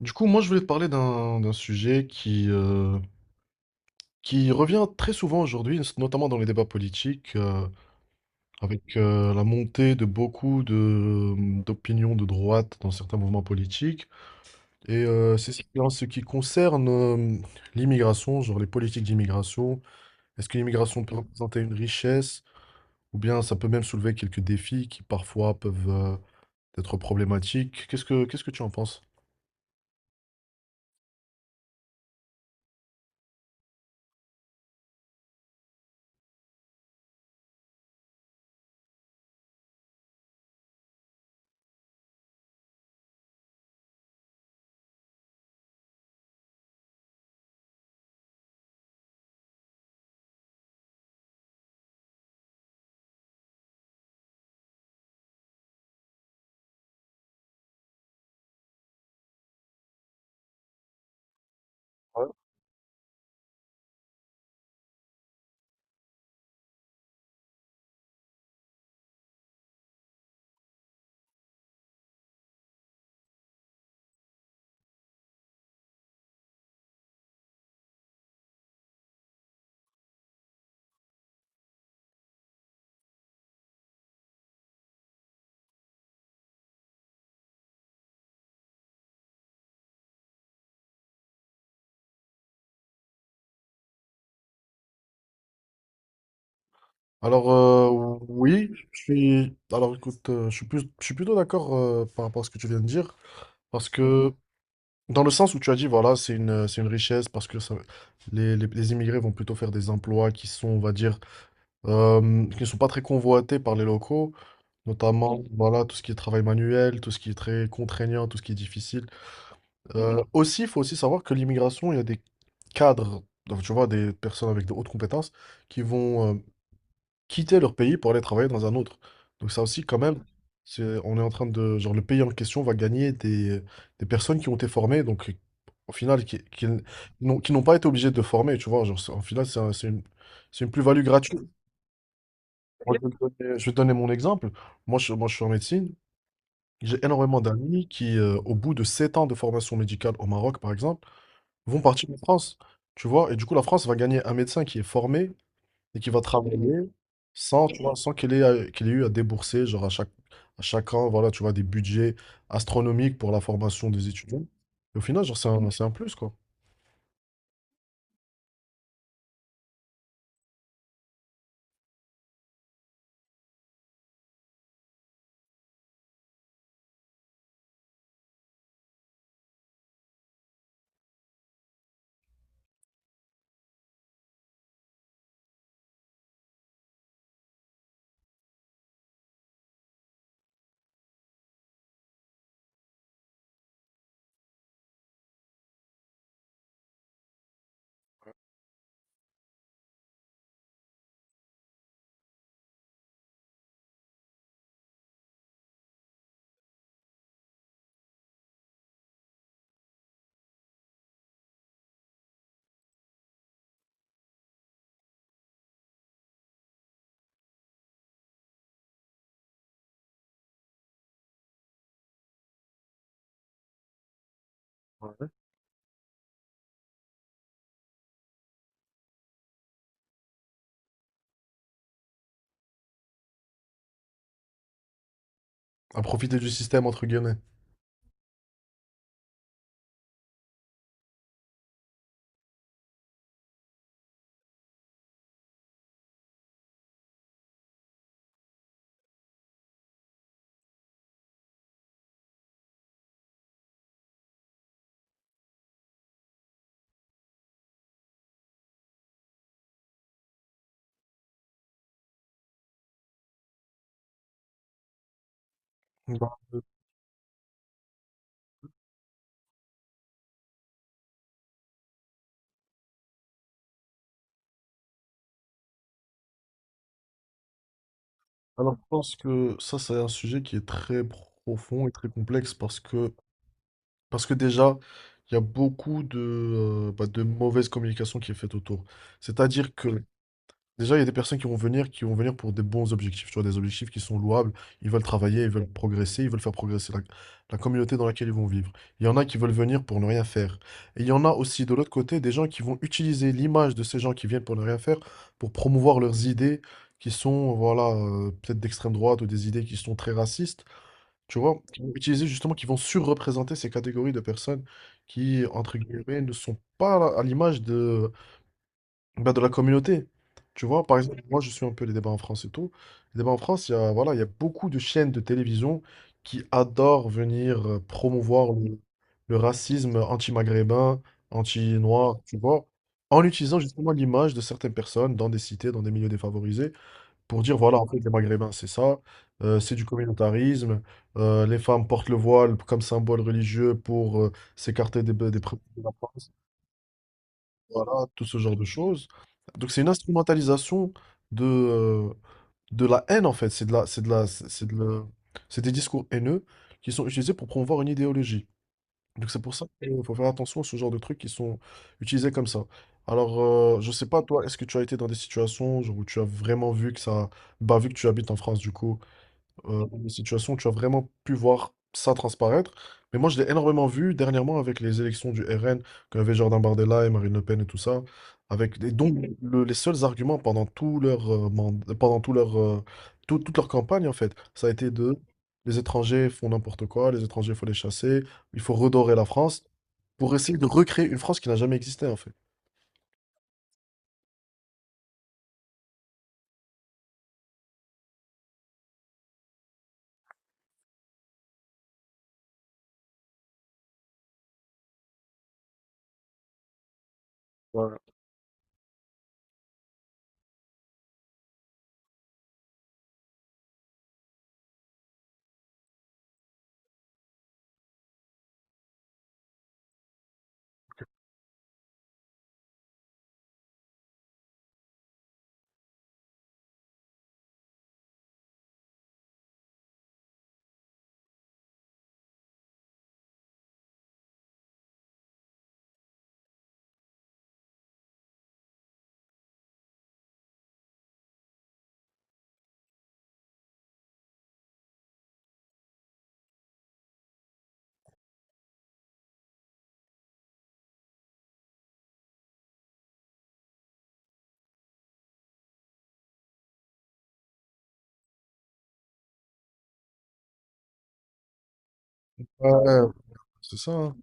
Du coup, moi, je voulais te parler d'un sujet qui revient très souvent aujourd'hui, notamment dans les débats politiques, avec la montée de beaucoup d'opinions de droite dans certains mouvements politiques. Et c'est en ce qui concerne l'immigration, genre les politiques d'immigration. Est-ce que l'immigration peut représenter une richesse ou bien ça peut même soulever quelques défis qui parfois peuvent être problématiques? Qu'est-ce que tu en penses? Alors oui, je suis. Alors écoute, je suis plutôt d'accord par rapport à ce que tu viens de dire, parce que dans le sens où tu as dit voilà, c'est une richesse parce que les immigrés vont plutôt faire des emplois qui sont, on va dire, euh, qui ne sont pas très convoités par les locaux, notamment voilà tout ce qui est travail manuel, tout ce qui est très contraignant, tout ce qui est difficile. Aussi, il faut aussi savoir que l'immigration, il y a des cadres, donc, tu vois, des personnes avec de hautes compétences qui vont quitter leur pays pour aller travailler dans un autre. Donc ça aussi, quand même, on est en train de, genre, le pays en question va gagner des personnes qui ont été formées, donc au final, qui n'ont pas été obligés de former, tu vois. Genre, au final, c'est une plus-value gratuite. Moi, je vais te donner mon exemple. Moi, je suis en médecine. J'ai énormément d'amis qui, au bout de 7 ans de formation médicale au Maroc, par exemple, vont partir en France, tu vois. Et du coup, la France va gagner un médecin qui est formé et qui va travailler sans, tu vois, sans qu'il ait eu à débourser, genre à chaque an, voilà, tu vois, des budgets astronomiques pour la formation des étudiants. Et au final, genre, c'est un plus, quoi. À profiter du système, entre guillemets. Bah, alors, je pense que ça, c'est un sujet qui est très profond et très complexe parce que déjà, il y a beaucoup de, bah, de mauvaise communication qui est faite autour. C'est-à-dire que déjà, il y a des personnes qui vont venir pour des bons objectifs, tu vois, des objectifs qui sont louables. Ils veulent travailler, ils veulent progresser, ils veulent faire progresser la communauté dans laquelle ils vont vivre. Il y en a qui veulent venir pour ne rien faire. Et il y en a aussi, de l'autre côté, des gens qui vont utiliser l'image de ces gens qui viennent pour ne rien faire pour promouvoir leurs idées qui sont, voilà, peut-être d'extrême droite ou des idées qui sont très racistes, tu vois, qui vont utiliser justement, qui vont surreprésenter ces catégories de personnes qui, entre guillemets, ne sont pas à l'image de bah, de la communauté. Tu vois, par exemple, moi je suis un peu les débats en France et tout. Les débats en France, il y a, voilà, il y a beaucoup de chaînes de télévision qui adorent venir promouvoir le racisme anti-maghrébin, anti-noir, tu vois, en utilisant justement l'image de certaines personnes dans des cités, dans des milieux défavorisés, pour dire, voilà, en fait, les maghrébins, c'est ça, c'est du communautarisme, les femmes portent le voile comme symbole religieux pour s'écarter des préjugés de la France. Voilà, tout ce genre de choses. Donc c'est une instrumentalisation de, euh, de la haine en fait. C'est des discours haineux qui sont utilisés pour promouvoir une idéologie. Donc c'est pour ça qu'il faut faire attention à ce genre de trucs qui sont utilisés comme ça. Alors je sais pas toi, est-ce que tu as été dans des situations genre, où tu as vraiment vu que ça, bah vu que tu habites en France du coup, des situations où tu as vraiment pu voir ça transparaître. Mais moi, je l'ai énormément vu dernièrement avec les élections du RN, quand il y avait Jordan Bardella et Marine Le Pen et tout ça. Avec, et donc, les seuls arguments pendant tout leur, mand- pendant tout leur, toute leur campagne, en fait, ça a été de les étrangers font n'importe quoi, les étrangers, il faut les chasser, il faut redorer la France pour essayer de recréer une France qui n'a jamais existé, en fait. Voilà. Ouais, c'est ça. Hein.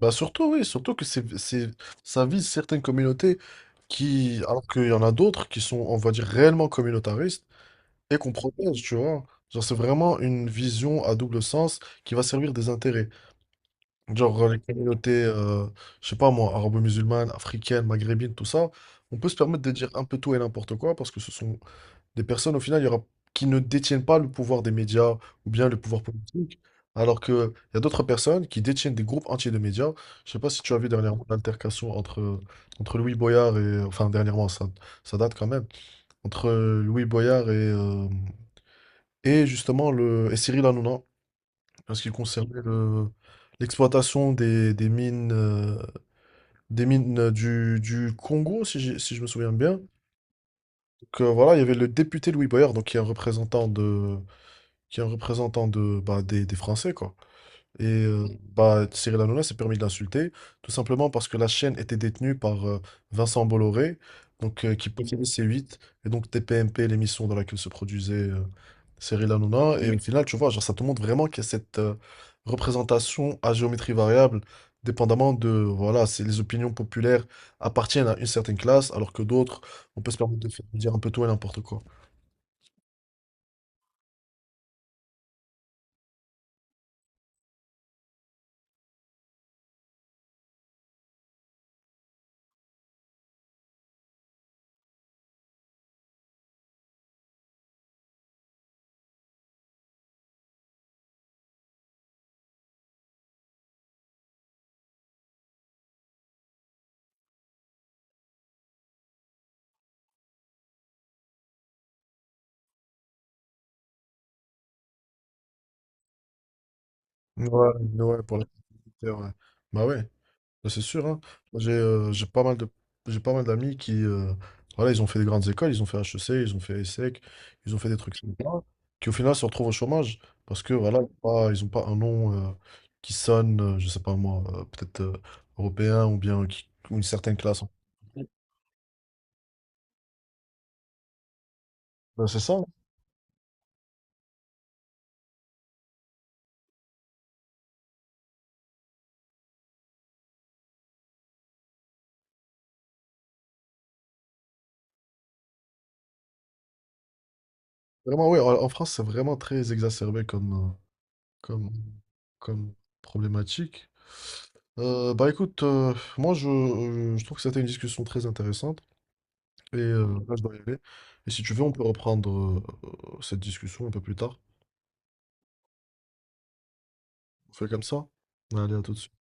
Bah surtout, oui, surtout que ça vise certaines communautés qui, alors qu'il y en a d'autres qui sont, on va dire, réellement communautaristes et qu'on protège, tu vois. Genre, c'est vraiment une vision à double sens qui va servir des intérêts. Genre, les communautés, je sais pas moi, arabo-musulmanes, africaines, maghrébines, tout ça, on peut se permettre de dire un peu tout et n'importe quoi parce que ce sont des personnes au final il y aura, qui ne détiennent pas le pouvoir des médias ou bien le pouvoir politique, alors que il y a d'autres personnes qui détiennent des groupes entiers de médias. Je sais pas si tu as vu dernièrement l'altercation entre Louis Boyard et... Enfin, dernièrement, ça date quand même. Entre Louis Boyard et justement et Cyril Hanouna, en ce qui concernait le... L'exploitation des mines, des mines du Congo, si je me souviens bien. Donc, voilà, il y avait le député Louis Boyard, donc qui est un représentant de, bah, des Français, quoi. Et bah, Cyril Hanouna s'est permis de l'insulter, tout simplement parce que la chaîne était détenue par Vincent Bolloré, donc, qui possédait C8, et donc TPMP, l'émission dans laquelle se produisait Cyril Hanouna. Et au final, tu vois, genre, ça te montre vraiment qu'il y a cette représentation à géométrie variable, dépendamment de, voilà, c'est les opinions populaires appartiennent à une certaine classe, alors que d'autres, on peut se permettre de de dire un peu tout et n'importe quoi. Ouais, ouais, pour la petite terre, ouais. Bah ouais, ça, c'est sûr, hein. Moi, j'ai pas mal d'amis qui voilà, ils ont fait des grandes écoles, ils ont fait HEC, ils ont fait ESSEC, ils ont fait des trucs sympas, qui au final se retrouvent au chômage parce que voilà, ils ont pas un nom qui sonne, je sais pas moi, peut-être européen ou bien ou une certaine classe. Ben, c'est ça. Hein. Vraiment, oui, en France, c'est vraiment très exacerbé comme, comme problématique. Bah écoute, moi je trouve que c'était une discussion très intéressante et là je dois y aller. Et si tu veux, on peut reprendre cette discussion un peu plus tard. On fait comme ça. Allez, à tout de suite.